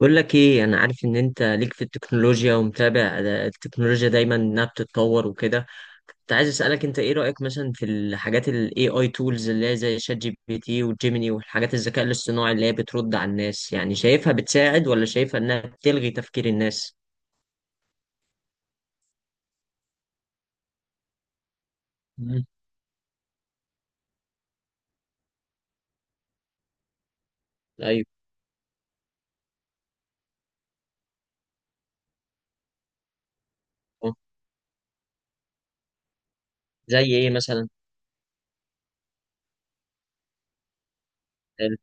بقول لك ايه؟ انا عارف ان انت ليك في التكنولوجيا ومتابع، التكنولوجيا دايما انها بتتطور وكده. كنت عايز اسالك انت ايه رايك مثلا في الحاجات الاي اي تولز اللي هي زي شات جي بي تي وجيميني والحاجات الذكاء الاصطناعي اللي هي بترد على الناس؟ يعني شايفها بتساعد ولا شايفها انها بتلغي تفكير الناس؟ مم. ايوه. آه. زي ايه مثلا؟ حلو.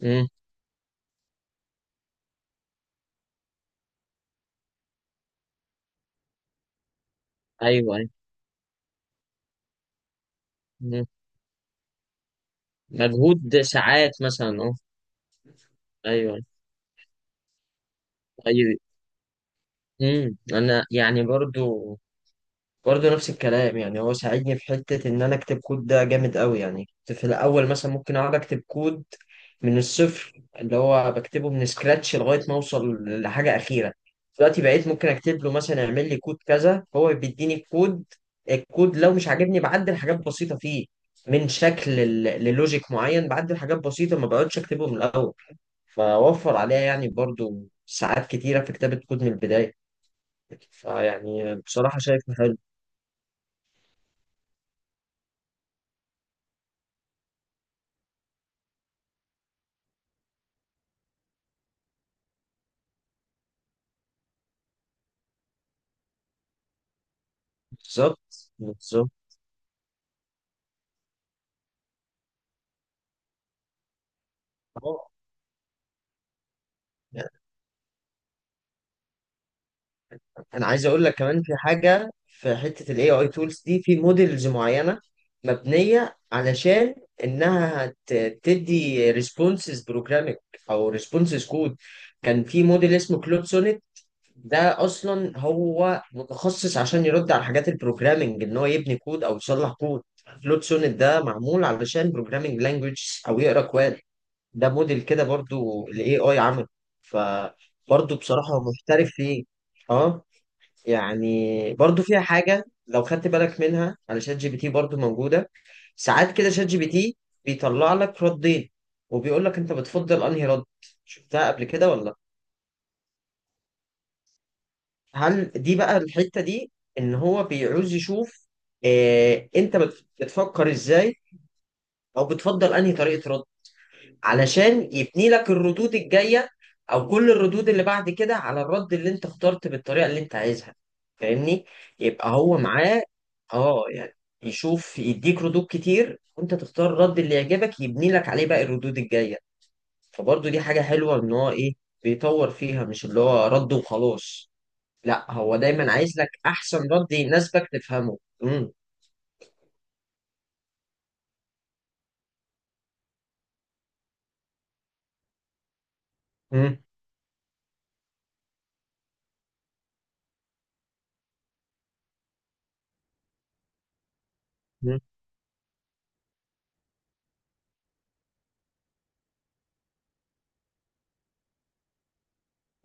امم. ايوه، ايوه. مم. مجهود ساعات مثلا، اه. ايوه، ايوه. انا يعني برضو، برضه نفس الكلام. يعني هو ساعدني في حتة إن أنا أكتب كود، ده جامد أوي. يعني كنت في الأول مثلا ممكن أقعد أكتب كود من الصفر، اللي هو بكتبه من سكراتش لغاية ما أوصل لحاجة أخيرة. دلوقتي بقيت ممكن أكتب له مثلا اعمل لي كود كذا، هو بيديني الكود. الكود لو مش عاجبني بعدل حاجات بسيطة فيه، من شكل للوجيك معين، بعدل حاجات بسيطة ما بقعدش أكتبه من الأول. فوفر عليها يعني برضه ساعات كتيرة في كتابة كود من البداية. فيعني بصراحة شايف. بالظبط، بالظبط. اه، يعني انا عايز اقول لك كمان في حاجه، في حته الاي اي تولز دي في موديلز معينه مبنيه علشان انها تدي ريسبونسز بروجرامينج او ريسبونسز كود. كان في موديل اسمه كلود سونيت. ده اصلا هو متخصص عشان يرد على حاجات البروجرامينج، ان هو يبني كود او يصلح كود. كلود سونيت ده معمول علشان بروجرامينج لانجويج او يقرا كواد. ده موديل كده برضو الاي اي عمله. فبرضو بصراحة هو محترف فيه. اه، يعني برضو فيها حاجة لو خدت بالك منها على شات جي بي تي برضو موجودة. ساعات كده شات جي بي تي بيطلع لك ردين وبيقول لك انت بتفضل انهي رد. شفتها قبل كده ولا؟ هل دي بقى الحتة دي، ان هو بيعوز يشوف، اه انت بتفكر ازاي او بتفضل انهي طريقة رد، علشان يبني لك الردود الجاية، او كل الردود اللي بعد كده على الرد اللي انت اخترت بالطريقة اللي انت عايزها. فاهمني؟ يبقى هو معاه اه يعني، يشوف، يديك ردود كتير وانت تختار الرد اللي يعجبك يبني لك عليه بقى الردود الجاية. فبرضه دي حاجة حلوة، ان هو ايه بيطور فيها، مش اللي هو رد وخلاص. لا هو دايما عايز لك احسن رد يناسبك تفهمه. امم. امم.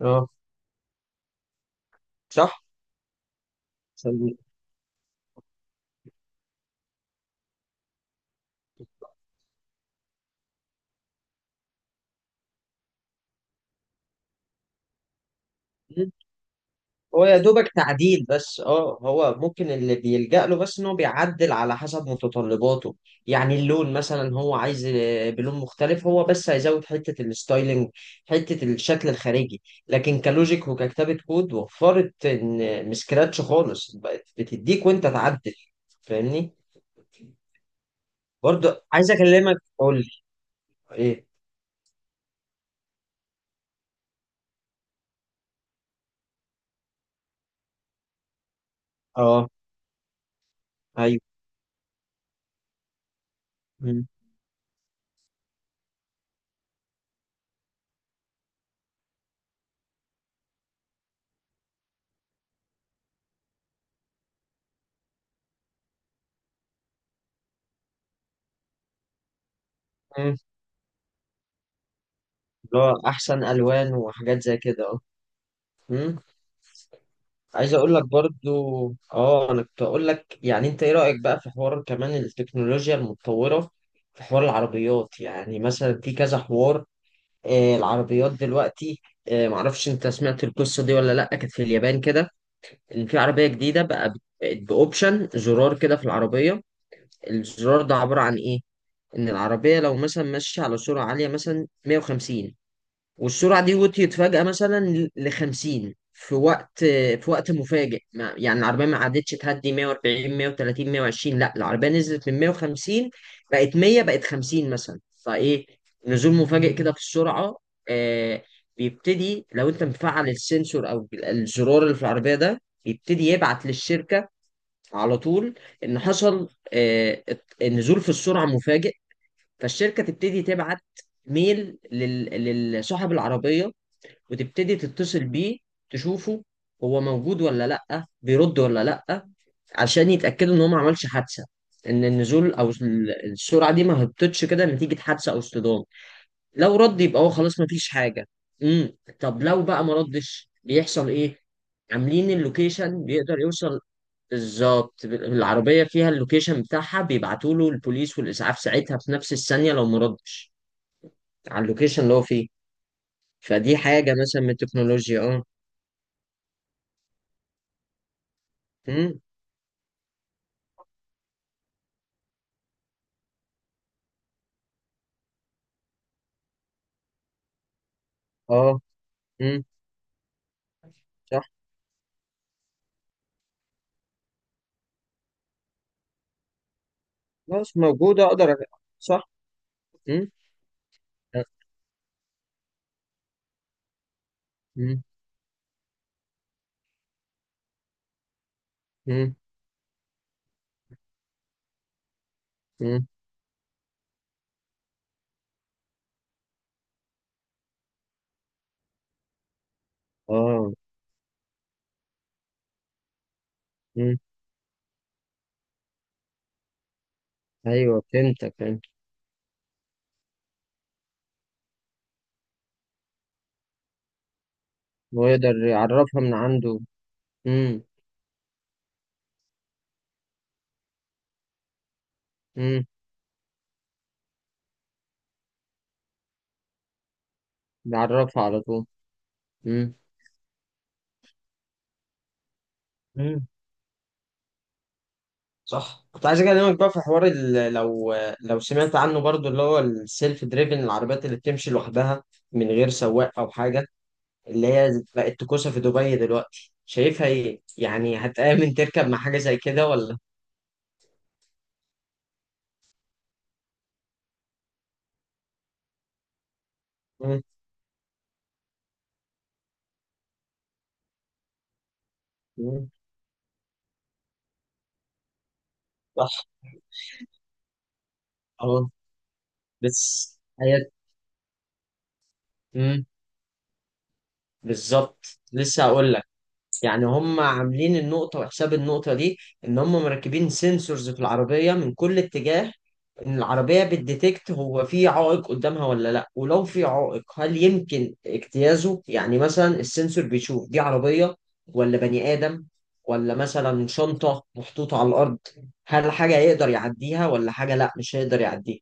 اه، صح. هو يا دوبك تعديل بس، هو ممكن اللي بيلجأ له بس ان هو بيعدل على حسب متطلباته. يعني اللون مثلا هو عايز بلون مختلف، هو بس هيزود حتة الستايلينج، حتة الشكل الخارجي. لكن كلوجيك وككتابة كود، وفرت ان من سكراتش خالص بقت بتديك وانت تعدل. فاهمني؟ برضه عايز اكلمك، قول لي. ايه؟ اه، ايوه. مم. مم. اللي هو احسن الوان وحاجات زي كده. اه. عايز اقول لك برضو. اه، انا كنت اقول لك، يعني انت ايه رأيك بقى في حوار كمان التكنولوجيا المتطورة في حوار العربيات؟ يعني مثلا في كذا حوار. العربيات دلوقتي، معرفش انت سمعت القصة دي ولا لا. كانت في اليابان كده، ان في عربية جديدة بقى بقت باوبشن زرار كده في العربية. الزرار ده عبارة عن ايه؟ ان العربية لو مثلا ماشية على سرعة عالية مثلا 150، والسرعة دي وطيت فجأة مثلا ل 50 في وقت مفاجئ، يعني العربية ما عادتش تهدي 140 130 120، لا العربية نزلت من 150 بقت 100 بقت 50 مثلا. فإيه نزول مفاجئ كده في السرعة، آه بيبتدي لو أنت مفعل السنسور أو الزرار اللي في العربية، ده بيبتدي يبعت للشركة على طول، إن حصل آه نزول في السرعة مفاجئ. فالشركة تبتدي تبعت ميل لصاحب العربية وتبتدي تتصل بيه، تشوفه هو موجود ولا لأ، بيرد ولا لأ، عشان يتأكدوا إن هو ما عملش حادثة، إن النزول أو السرعة دي ما هبطتش كده نتيجة حادثة أو اصطدام. لو رد يبقى هو خلاص ما فيش حاجة. طب لو بقى ما ردش بيحصل إيه؟ عاملين اللوكيشن بيقدر يوصل. بالظبط، العربية فيها اللوكيشن بتاعها، بيبعتوا له البوليس والإسعاف ساعتها في نفس الثانية لو ما ردش على اللوكيشن اللي هو فيه. فدي حاجة مثلا من التكنولوجيا، اه. إمم. اه. امم. صح. خلاص موجودة، اقدر صح. امم، امم، امم، امم. اه. امم. ايوه، فهمتك، فهمت. ويقدر يعرفها من عنده. امم. امم. بيعرفها على طول. امم. مم. صح، كنت عايز اكلمك بقى في حوار لو سمعت عنه برضو، اللي هو السيلف دريفن، العربيات اللي بتمشي لوحدها من غير سواق او حاجه، اللي هي بقت تكوسه في دبي دلوقتي. شايفها ايه؟ يعني هتآمن تركب مع حاجه زي كده ولا؟ مم. مم. اه، بس حياة. مم، بالظبط، لسه هقول لك. يعني هم عاملين النقطة، وحساب النقطة دي ان هم مركبين سنسورز في العربية من كل اتجاه، ان العربية بتديتكت هو في عائق قدامها ولا لا، ولو في عائق هل يمكن اجتيازه. يعني مثلا السنسور بيشوف دي عربية ولا بني آدم ولا مثلا شنطة محطوطة على الأرض، هل حاجة يقدر يعديها ولا حاجة لا مش هيقدر يعديها.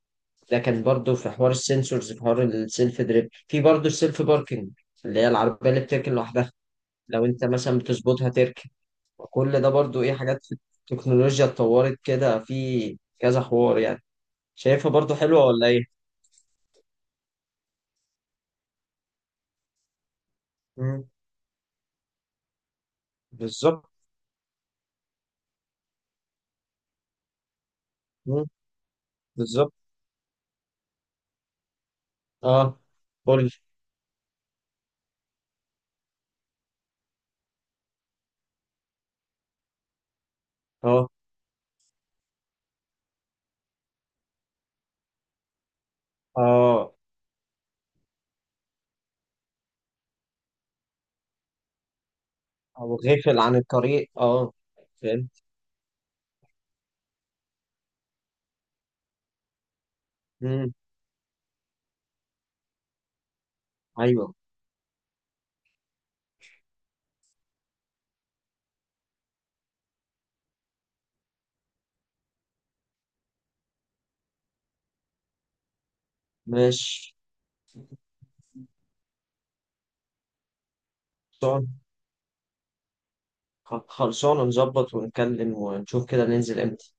لكن برضو في حوار السنسورز، في حوار السيلف دريب، في برضو السيلف باركنج اللي هي العربية اللي بتركن لوحدها، لو انت مثلا بتظبطها تركن. وكل ده برضو ايه، حاجات في التكنولوجيا اتطورت كده في كذا حوار يعني. شايفها برضو حلوة ولا ايه؟ مم. بالظبط. مم. بالظبط. اه، قول. اه، اه، او غافل عن الطريق، اه. فهمت. مم. ايوه، ماشي. خلصان- خلصانة نظبط ونتكلم ونشوف كده ننزل امتى.